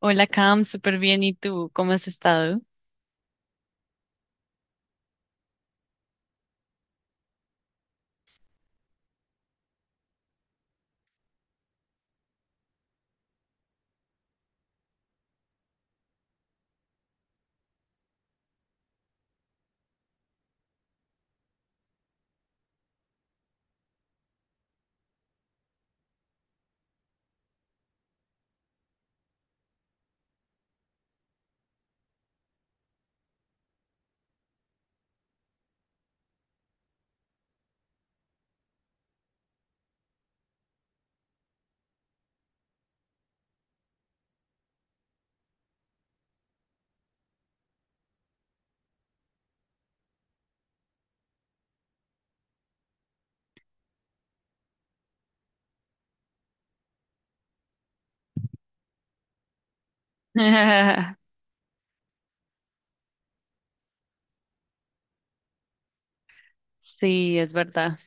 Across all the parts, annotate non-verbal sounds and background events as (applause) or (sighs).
Hola Cam, súper bien. ¿Y tú? ¿Cómo has estado? (laughs) Sí, es verdad.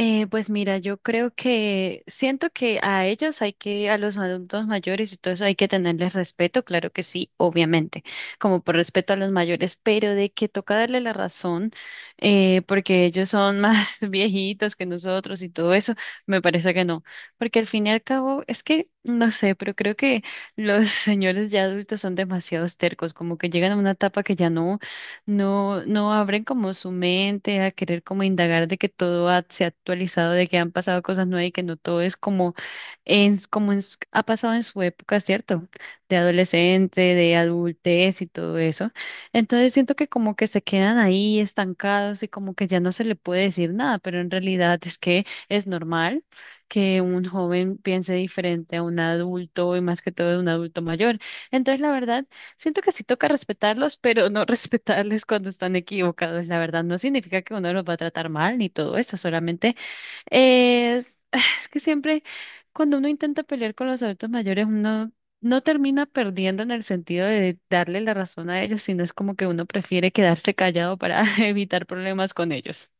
Pues mira, yo creo que siento que a ellos hay a los adultos mayores y todo eso hay que tenerles respeto, claro que sí, obviamente, como por respeto a los mayores, pero de que toca darle la razón, porque ellos son más (laughs) viejitos que nosotros y todo eso, me parece que no, porque al fin y al cabo es que, no sé, pero creo que los (laughs) señores ya adultos son demasiado tercos, como que llegan a una etapa que ya no. No abren como su mente a querer como indagar de que todo se ha actualizado, de que han pasado cosas nuevas y que no todo es como ha pasado en su época, ¿cierto? De adolescente, de adultez y todo eso. Entonces siento que como que se quedan ahí estancados y como que ya no se le puede decir nada, pero en realidad es que es normal que un joven piense diferente a un adulto y más que todo de un adulto mayor. Entonces, la verdad, siento que sí toca respetarlos, pero no (laughs) respetarles cuando están equivocados, la verdad. No significa que uno los va a tratar mal ni todo eso, solamente es, (sighs) es que siempre cuando uno intenta pelear con los adultos mayores, uno no termina perdiendo en el sentido de darle la razón a ellos, sino es como que uno prefiere quedarse callado para (laughs) evitar problemas con ellos.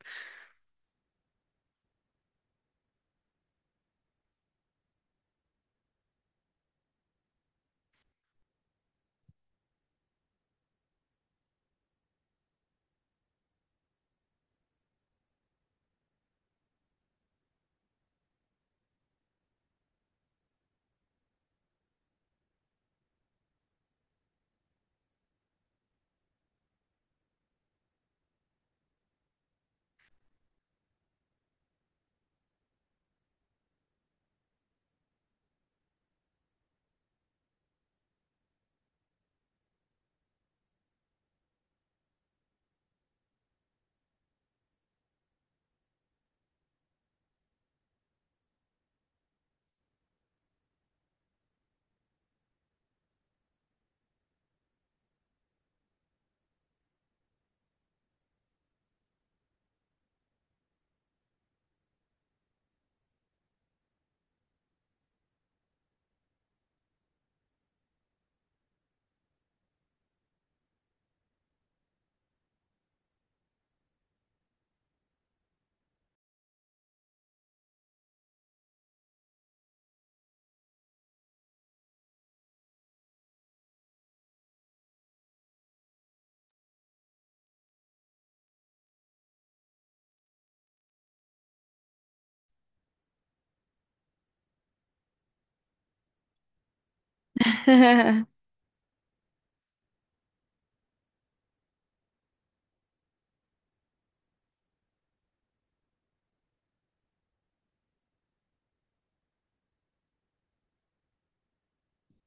(laughs)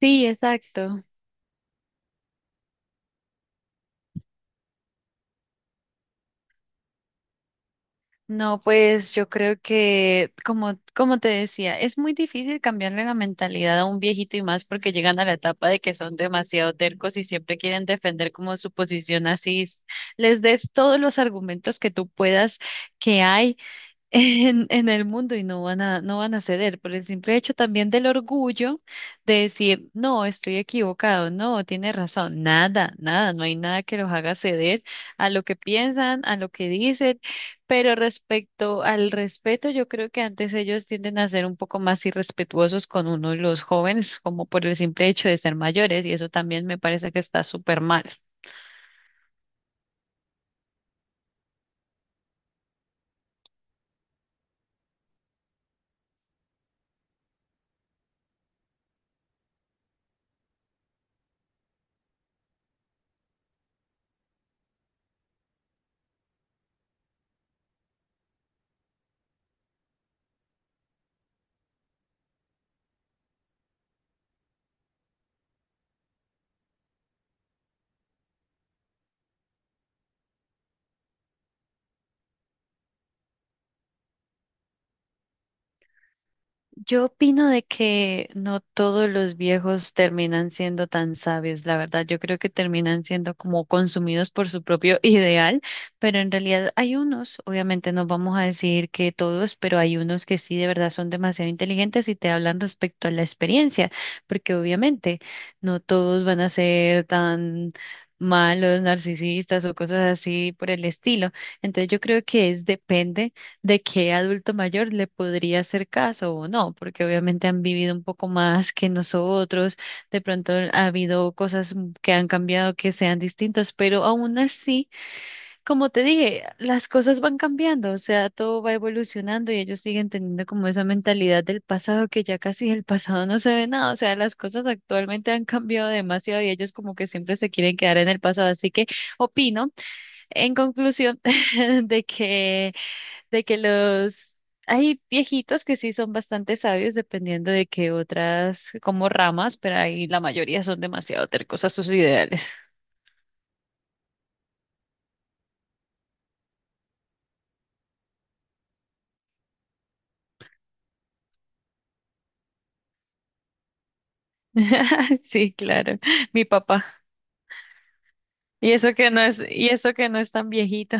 Sí, exacto. No, pues yo creo que, como, como te decía, es muy difícil cambiarle la mentalidad a un viejito y más porque llegan a la etapa de que son demasiado tercos y siempre quieren defender como su posición así. Les des todos los argumentos que tú puedas que hay (laughs) en el mundo y no no van a ceder por el simple hecho también del orgullo de decir, no, estoy equivocado, no, tiene razón, nada, nada, no hay nada que los haga ceder a lo que piensan, a lo que dicen, pero respecto al respeto, yo creo que antes ellos tienden a ser un poco más irrespetuosos con uno, los jóvenes, como por el simple hecho de ser mayores, y eso también me parece que está súper mal. Yo opino de que no todos los viejos terminan siendo tan sabios, la verdad. Yo creo que terminan siendo como consumidos por su propio ideal, pero en realidad hay unos, obviamente no vamos a decir que todos, pero hay unos que sí de verdad son demasiado inteligentes y te hablan respecto a la experiencia, porque obviamente no todos van a ser tan malos, narcisistas o cosas así por el estilo. Entonces yo creo que es depende de qué adulto mayor le podría hacer caso o no, porque obviamente han vivido un poco más que nosotros, de pronto ha habido cosas que han cambiado que sean distintas, pero aún así, como te dije, las cosas van cambiando, o sea, todo va evolucionando y ellos siguen teniendo como esa mentalidad del pasado que ya casi el pasado no se ve nada, o sea, las cosas actualmente han cambiado demasiado y ellos como que siempre se quieren quedar en el pasado, así que opino en conclusión (laughs) de que de que los hay viejitos que sí son bastante sabios dependiendo de que otras como ramas, pero ahí la mayoría son demasiado tercos a sus ideales. (laughs) Sí, claro, mi papá. Y eso que no es tan viejito.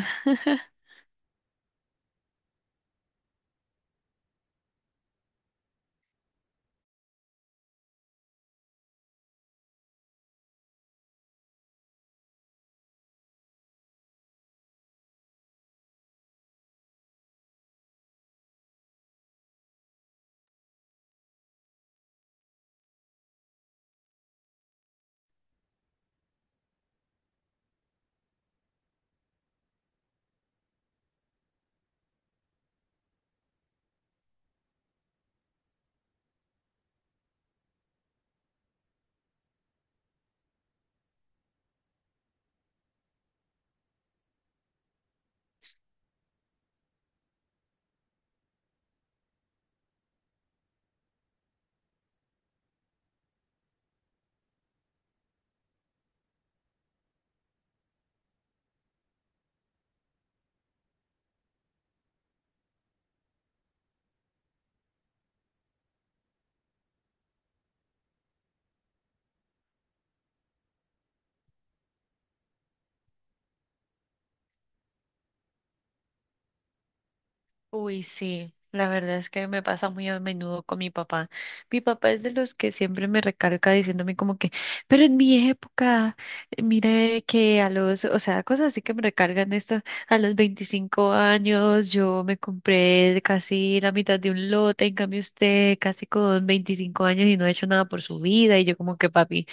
Uy, sí, la verdad es que me pasa muy a menudo con mi papá. Mi papá es de los que siempre me recarga diciéndome como que, pero en mi época, mire que a los, o sea, cosas así que me recargan esto, a los 25 años yo me compré casi la mitad de un lote, en cambio usted casi con 25 años y no ha hecho nada por su vida y yo como que papi.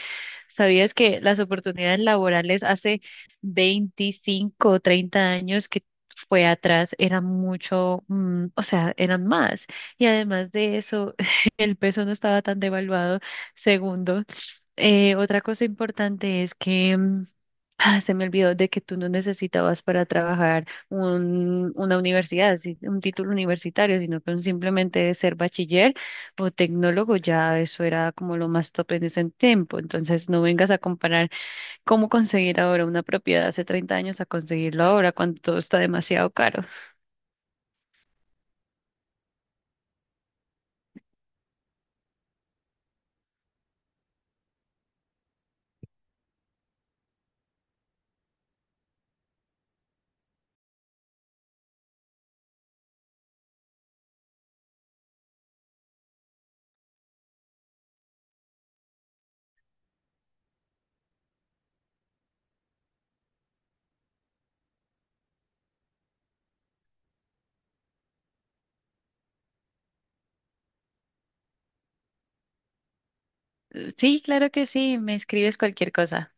¿Sabías que las oportunidades laborales hace 25 o 30 años que fue atrás eran mucho, o sea, eran más? Y además de eso, (laughs) el peso no estaba tan devaluado. Segundo, otra cosa importante es que se me olvidó de que tú no necesitabas para trabajar una universidad, un título universitario, sino que un simplemente ser bachiller o tecnólogo, ya eso era como lo más top en ese tiempo. Entonces, no vengas a comparar cómo conseguir ahora una propiedad hace 30 años a conseguirlo ahora cuando todo está demasiado caro. Sí, claro que sí, me escribes cualquier cosa.